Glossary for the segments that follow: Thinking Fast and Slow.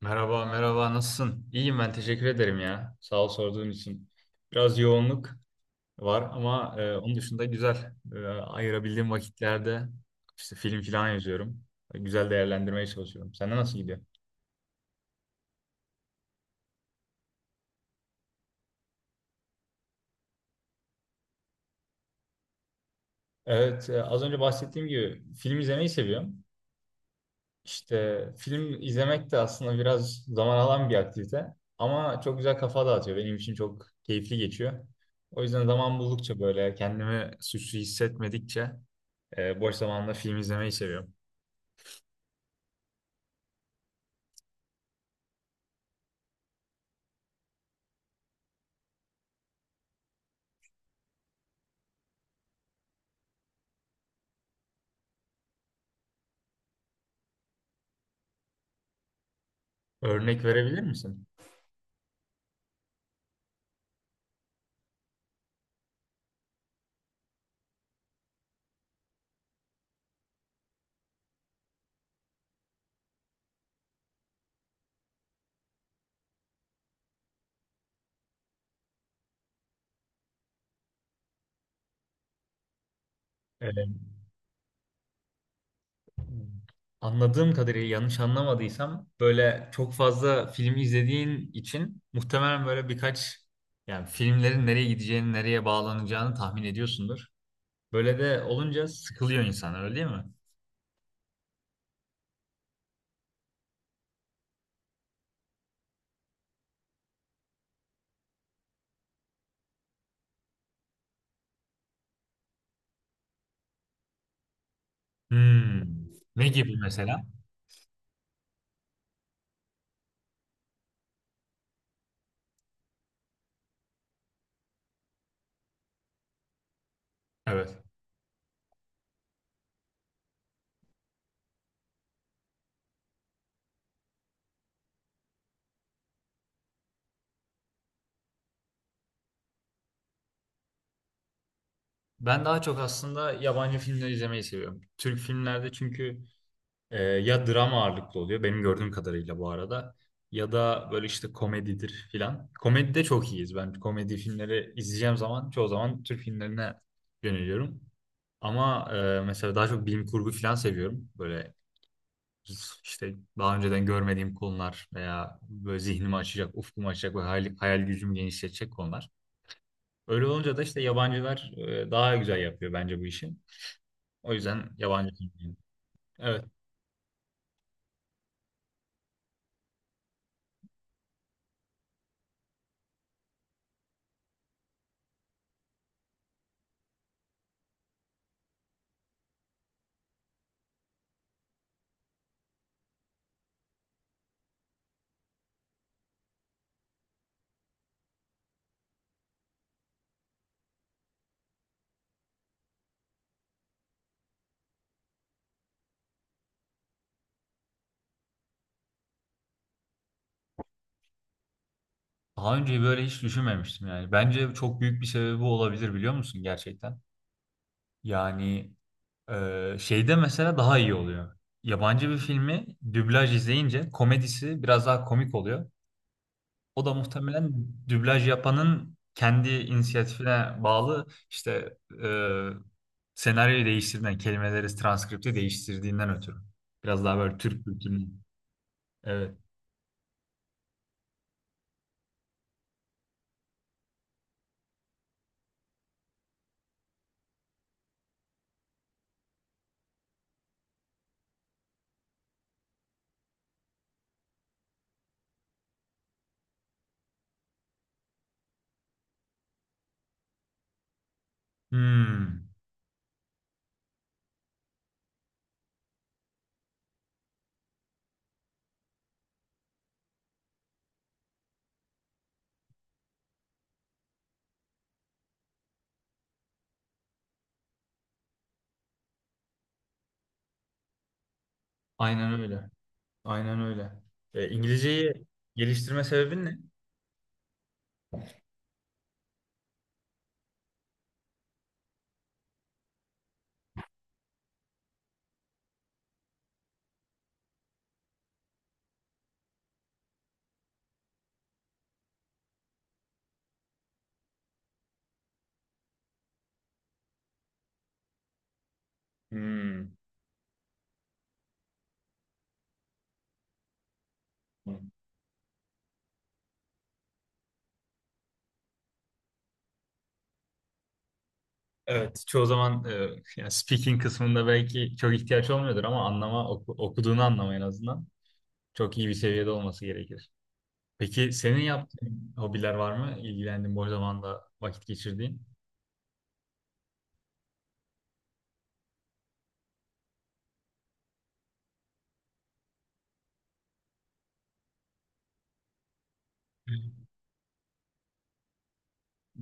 Merhaba, merhaba. Nasılsın? İyiyim ben. Teşekkür ederim ya. Sağ ol sorduğun için. Biraz yoğunluk var ama onun dışında güzel. Ayırabildiğim vakitlerde işte film falan yazıyorum. Güzel değerlendirmeye çalışıyorum. Sende nasıl gidiyor? Evet, az önce bahsettiğim gibi film izlemeyi seviyorum. İşte film izlemek de aslında biraz zaman alan bir aktivite. Ama çok güzel kafa dağıtıyor. Benim için çok keyifli geçiyor. O yüzden zaman buldukça böyle kendimi suçlu hissetmedikçe boş zamanında film izlemeyi seviyorum. Örnek verebilir misin? Ee, Anladığım kadarıyla, yanlış anlamadıysam, böyle çok fazla film izlediğin için muhtemelen böyle birkaç, yani filmlerin nereye gideceğini, nereye bağlanacağını tahmin ediyorsundur. Böyle de olunca sıkılıyor insan, öyle değil mi? Hmm. Ne gibi mesela? Evet. Ben daha çok aslında yabancı filmler izlemeyi seviyorum. Türk filmlerde çünkü ya drama ağırlıklı oluyor benim gördüğüm kadarıyla bu arada. Ya da böyle işte komedidir filan. Komedide çok iyiyiz. Ben komedi filmleri izleyeceğim zaman çoğu zaman Türk filmlerine yöneliyorum. Ama mesela daha çok bilim kurgu filan seviyorum. Böyle işte daha önceden görmediğim konular veya böyle zihnimi açacak, ufkumu açacak ve hayal, hayal gücümü genişletecek konular. Öyle olunca da işte yabancılar daha güzel yapıyor bence bu işi. O yüzden yabancı film. Daha önce böyle hiç düşünmemiştim yani. Bence çok büyük bir sebebi olabilir biliyor musun gerçekten? Yani şeyde mesela daha iyi oluyor. Yabancı bir filmi dublaj izleyince komedisi biraz daha komik oluyor. O da muhtemelen dublaj yapanın kendi inisiyatifine bağlı işte senaryoyu değiştirdiğinden, kelimeleri, transkripti değiştirdiğinden ötürü. Biraz daha böyle Türk kültürünün. Evet. Hmm, aynen öyle. Aynen öyle. İngilizceyi geliştirme sebebin ne? Hmm. Evet, çoğu zaman yani speaking kısmında belki çok ihtiyaç olmuyordur ama anlama okuduğunu anlama en azından çok iyi bir seviyede olması gerekir. Peki senin yaptığın hobiler var mı? İlgilendiğin boş zamanda vakit geçirdiğin?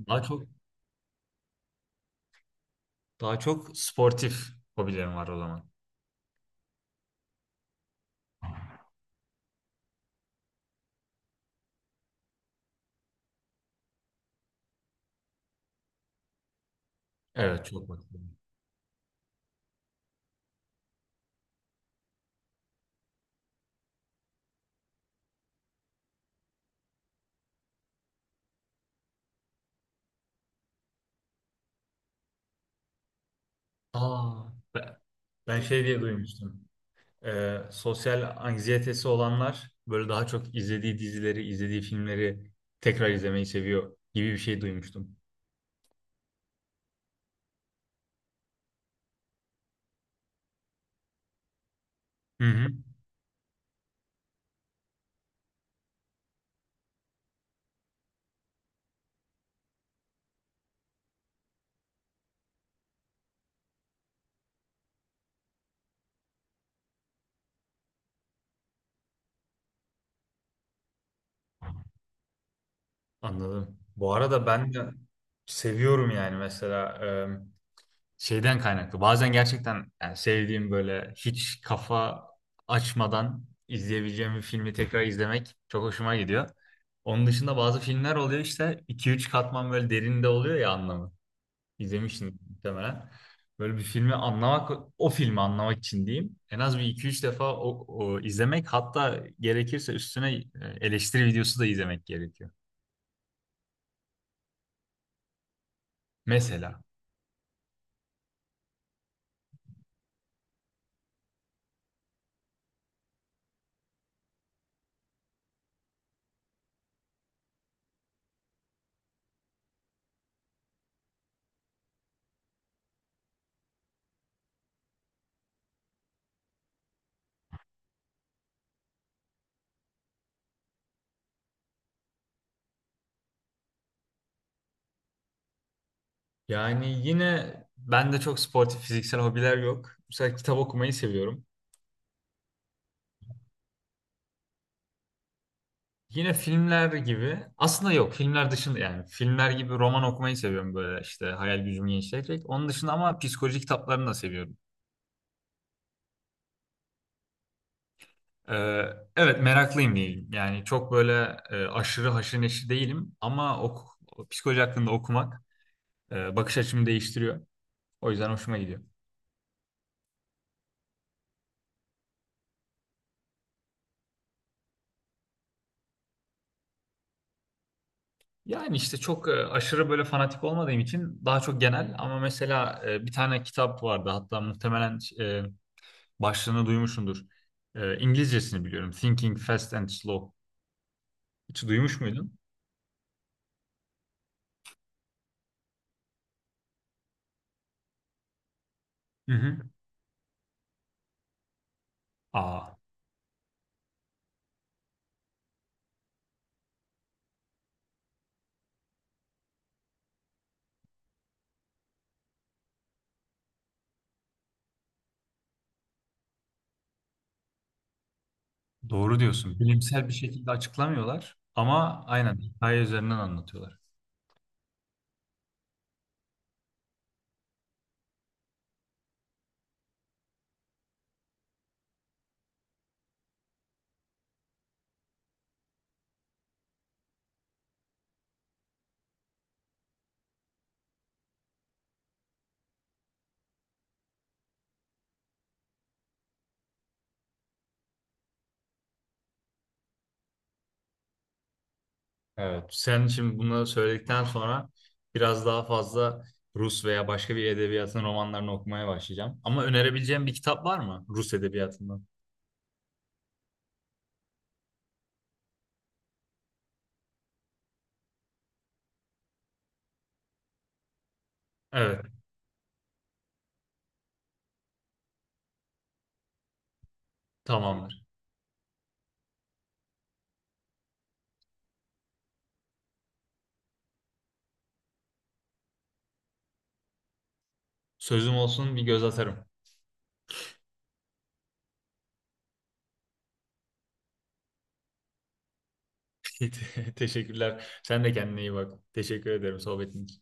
Daha çok daha çok sportif hobilerim var o zaman. Evet, çok vakit. Aa, ben, ben şey diye duymuştum. Sosyal anksiyetesi olanlar böyle daha çok izlediği dizileri, izlediği filmleri tekrar izlemeyi seviyor gibi bir şey duymuştum. Hı hı. Anladım. Bu arada ben de seviyorum yani mesela şeyden kaynaklı. Bazen gerçekten yani sevdiğim böyle hiç kafa açmadan izleyebileceğim bir filmi tekrar izlemek çok hoşuma gidiyor. Onun dışında bazı filmler oluyor işte iki üç katman böyle derinde oluyor ya anlamı. İzlemişsin muhtemelen. Böyle bir filmi anlamak, o filmi anlamak için diyeyim. En az bir iki üç defa o izlemek, hatta gerekirse üstüne eleştiri videosu da izlemek gerekiyor. Mesela. Yani yine bende çok sportif fiziksel hobiler yok. Mesela kitap okumayı seviyorum. Yine filmler gibi aslında, yok, filmler dışında yani filmler gibi roman okumayı seviyorum böyle işte hayal gücümü genişletecek. Onun dışında ama psikoloji kitaplarını da seviyorum. Ee, evet, meraklıyım diyeyim. Yani çok böyle aşırı haşır neşir değilim ama psikoloji hakkında okumak bakış açımı değiştiriyor. O yüzden hoşuma gidiyor. Yani işte çok aşırı böyle fanatik olmadığım için daha çok genel ama mesela bir tane kitap vardı hatta muhtemelen başlığını duymuşsundur. İngilizcesini biliyorum. Thinking Fast and Slow. Hiç duymuş muydun? Hı hı. Aa, doğru diyorsun. Bilimsel bir şekilde açıklamıyorlar ama aynen hikaye üzerinden anlatıyorlar. Evet. Sen şimdi bunları söyledikten sonra biraz daha fazla Rus veya başka bir edebiyatın romanlarını okumaya başlayacağım. Ama önerebileceğim bir kitap var mı Rus edebiyatından? Evet, tamamdır. Sözüm olsun bir göz atarım. Teşekkürler. Sen de kendine iyi bak. Teşekkür ederim sohbetin için.